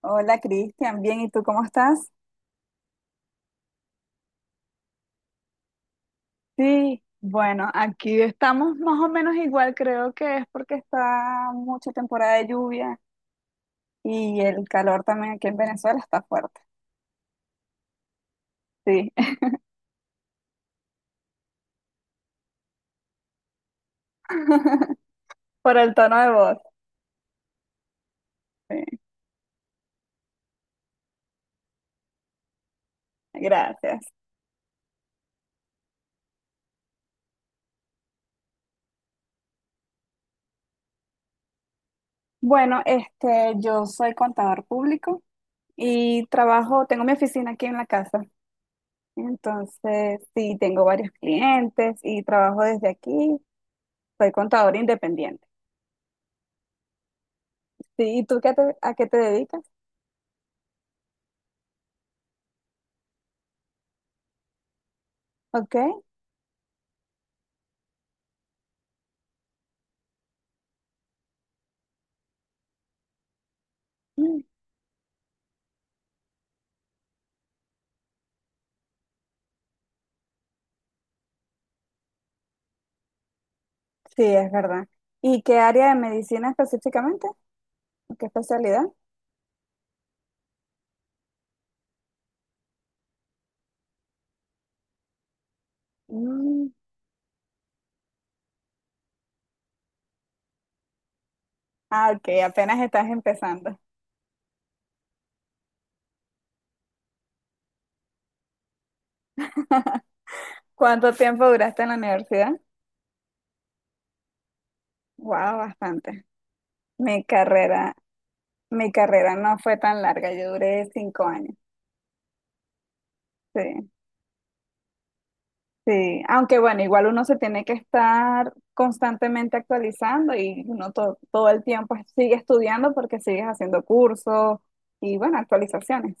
Hola Cristian, bien, ¿y tú cómo estás? Sí, bueno, aquí estamos más o menos igual, creo que es porque está mucha temporada de lluvia y el calor también aquí en Venezuela está fuerte. Sí, por el tono de voz. Sí, gracias. Bueno, yo soy contador público y trabajo, tengo mi oficina aquí en la casa. Entonces, sí, tengo varios clientes y trabajo desde aquí. Soy contador independiente. Sí, ¿y tú a qué te dedicas? Ok. Sí, es verdad. ¿Y qué área de medicina específicamente? ¿Qué especialidad? Mm, Ah, ok, apenas estás empezando. ¿Cuánto tiempo duraste en la universidad? Wow, bastante. Mi carrera, mi carrera no fue tan larga, yo duré 5 años. Sí, sí. Aunque bueno, igual uno se tiene que estar constantemente actualizando y uno todo el tiempo sigue estudiando porque sigues haciendo cursos y bueno, actualizaciones.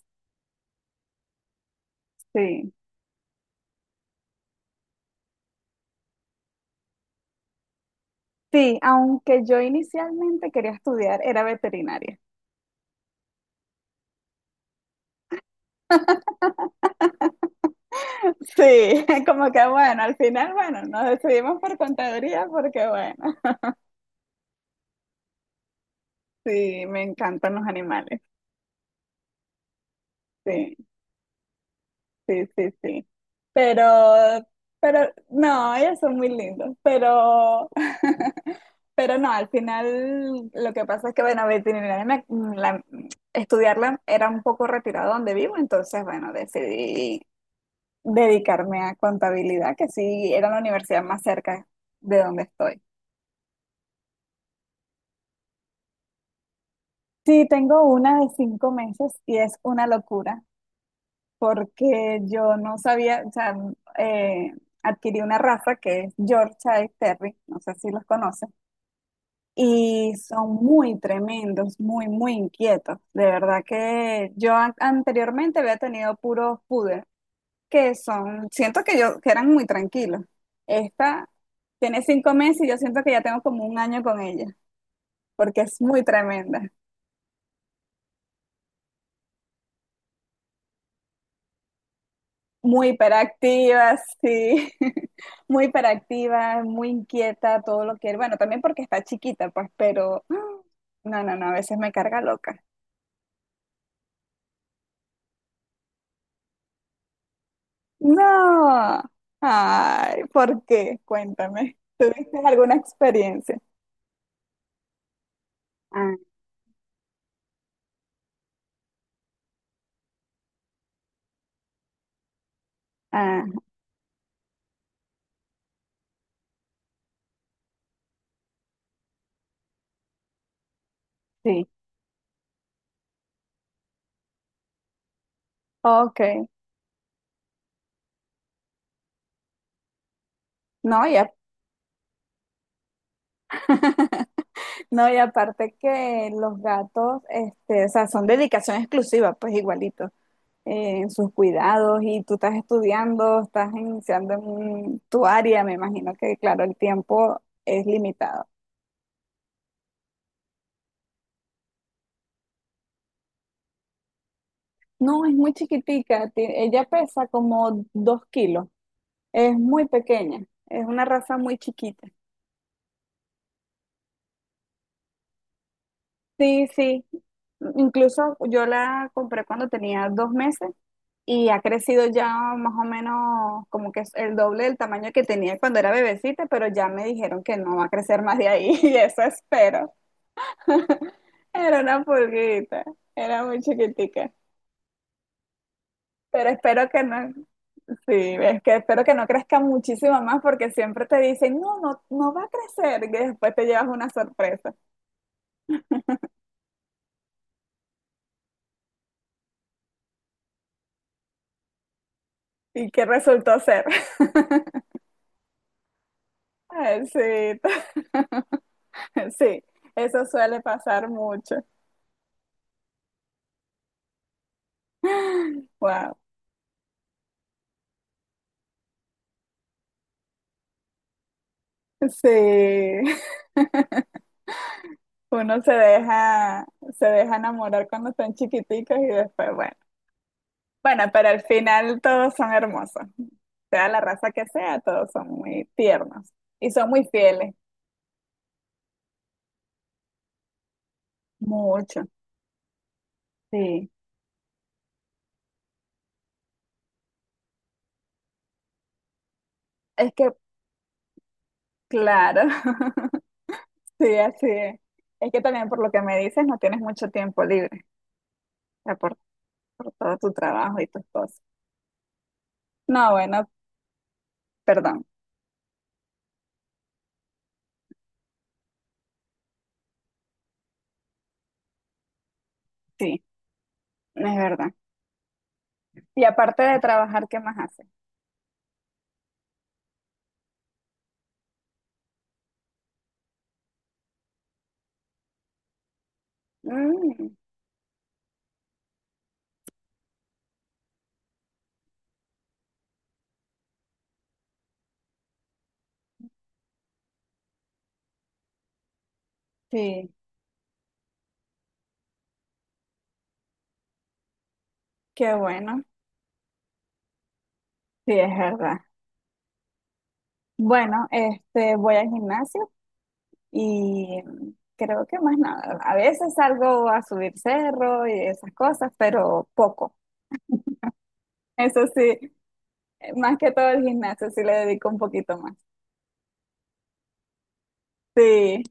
Sí. Sí, aunque yo inicialmente quería estudiar, era veterinaria. Sí, como que bueno, al final, bueno, nos decidimos por contaduría porque bueno, sí, me encantan los animales. Sí, sí, sí, sí. Pero, pero, no, ellos son muy lindos, pero, pero no, al final lo que pasa es que bueno, la- estudiarla era un poco retirado donde vivo, entonces bueno, decidí dedicarme a contabilidad, que sí era la universidad más cerca de donde estoy. Sí, tengo una de 5 meses y es una locura porque yo no sabía, o sea, eh, adquirí una raza que es Yorkshire Terry, no sé si los conoces, y son muy tremendos, muy, muy inquietos. De verdad que yo anteriormente había tenido puros poodles que son, siento que yo, que eran muy tranquilos. Esta tiene 5 meses y yo siento que ya tengo como 1 año con ella, porque es muy tremenda, muy hiperactiva, sí, muy hiperactiva, muy inquieta, todo lo que bueno, también porque está chiquita, pues, pero ¡ah! No, no, no, a veces me carga loca. No, ay, ¿por qué? Cuéntame, ¿tuviste alguna experiencia? Ah, ah, sí, ok, no, ya. No, y aparte que los gatos, o sea, son dedicación exclusiva, pues igualito, en sus cuidados y tú estás estudiando, estás iniciando en tu área, me imagino que, claro, el tiempo es limitado. No, es muy chiquitica, ella pesa como 2 kilos, es muy pequeña, es una raza muy chiquita. Sí, sí, incluso yo la compré cuando tenía 2 meses y ha crecido ya más o menos como que es el doble del tamaño que tenía cuando era bebecita, pero ya me dijeron que no va a crecer más de ahí y eso espero. Era una pulguita, era muy chiquitica. Pero espero que no, sí, es que espero que no crezca muchísimo más porque siempre te dicen, no, no, no va a crecer y después te llevas una sorpresa. ¿Y qué resultó ser? Ay, sí, sí, eso suele pasar mucho. Wow, sí. Uno se deja enamorar cuando son chiquiticos y después, bueno. Bueno, pero al final todos son hermosos. Sea la raza que sea, todos son muy tiernos. Y son muy fieles. Mucho. Sí. Es que, claro. Sí, así es. Es que también por lo que me dices, no tienes mucho tiempo libre. O sea, por todo tu trabajo y tus cosas. No, bueno, perdón. Sí, es verdad. Y aparte de trabajar, ¿qué más haces? Mm, sí, qué bueno. Sí, es verdad. Bueno, voy al gimnasio y creo que más nada. A veces salgo a subir cerro y esas cosas, pero poco. Eso sí, más que todo el gimnasio sí le dedico un poquito más. Sí.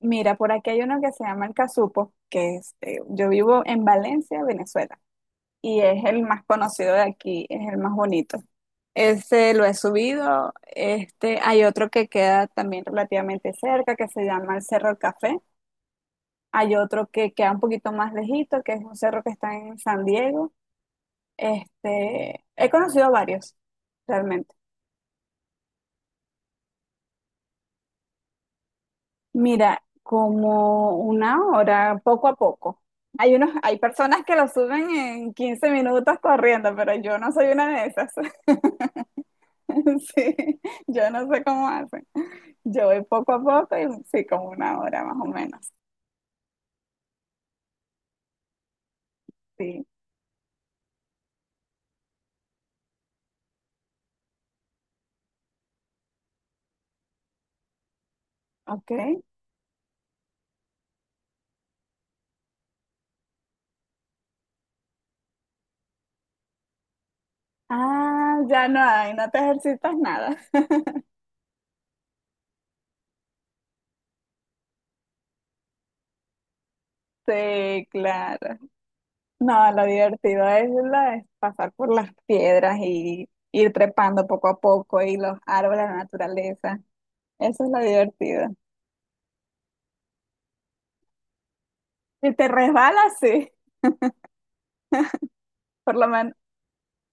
Mira, por aquí hay uno que se llama el Casupo, que es, yo vivo en Valencia, Venezuela, y es el más conocido de aquí, es el más bonito. Ese lo he subido. Hay otro que queda también relativamente cerca, que se llama el Cerro del Café. Hay otro que queda un poquito más lejito, que es un cerro que está en San Diego. He conocido varios, realmente. Mira, como 1 hora, poco a poco. Hay personas que lo suben en 15 minutos corriendo, pero yo no soy una de esas. Sí, yo no sé cómo hacen. Yo voy poco a poco y sí, como 1 hora más o menos. Sí, ok. Ah, ya no hay, no te ejercitas nada. Sí, claro. No, lo divertido es, es pasar por las piedras y ir trepando poco a poco y los árboles, la naturaleza. Eso es lo divertido. Si te resbalas, sí, por lo menos.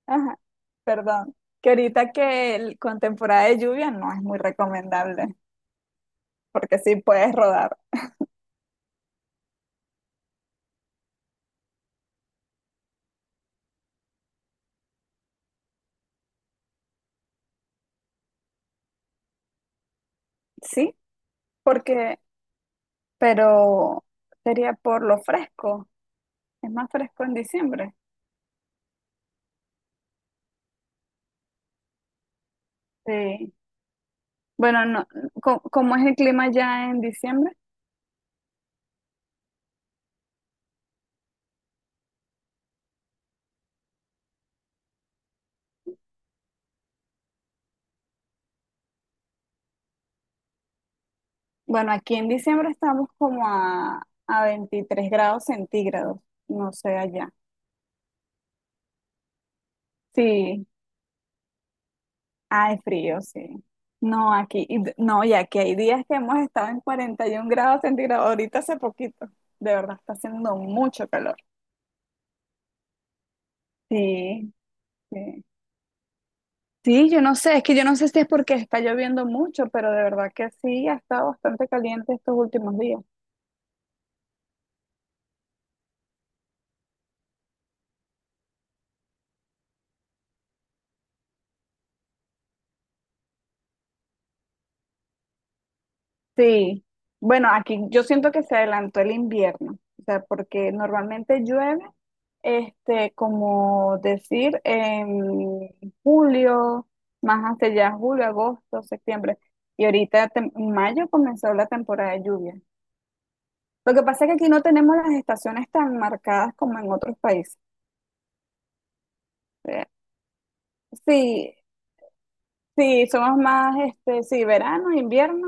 Ajá, perdón. Que ahorita que con temporada de lluvia no es muy recomendable, porque sí puedes rodar, sí, porque, pero sería por lo fresco. Es más fresco en diciembre. Sí. Bueno, no, ¿cómo, cómo es el clima ya en diciembre? Bueno, aquí en diciembre estamos como a 23 °C, no sé allá. Sí, hay frío, sí. No, aquí, no, y aquí hay días que hemos estado en 41 °C, ahorita hace poquito. De verdad, está haciendo mucho calor. Sí, sí. Sí, yo no sé, es que yo no sé si es porque está lloviendo mucho, pero de verdad que sí, ha estado bastante caliente estos últimos días. Sí, bueno, aquí yo siento que se adelantó el invierno, o sea, porque normalmente llueve. Como decir, en julio, más hacia allá, julio, agosto, septiembre. Y ahorita en mayo comenzó la temporada de lluvia. Lo que pasa es que aquí no tenemos las estaciones tan marcadas como en otros países. Eh, Sí, sí, somos más, sí, verano, invierno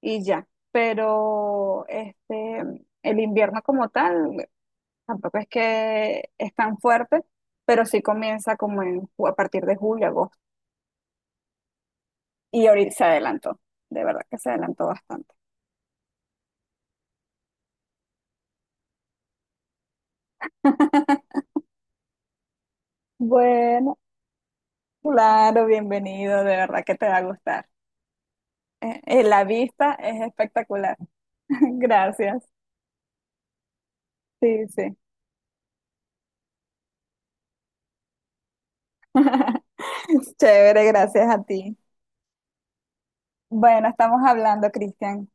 y ya. Pero el invierno como tal tampoco es que es tan fuerte, pero sí comienza como en, a partir de julio, agosto. Y ahorita se adelantó, de verdad que se adelantó bastante. Bueno, claro, bienvenido, de verdad que te va a gustar. La vista es espectacular. Gracias. Sí, sí. Chévere, gracias a ti. Bueno, estamos hablando, Cristian.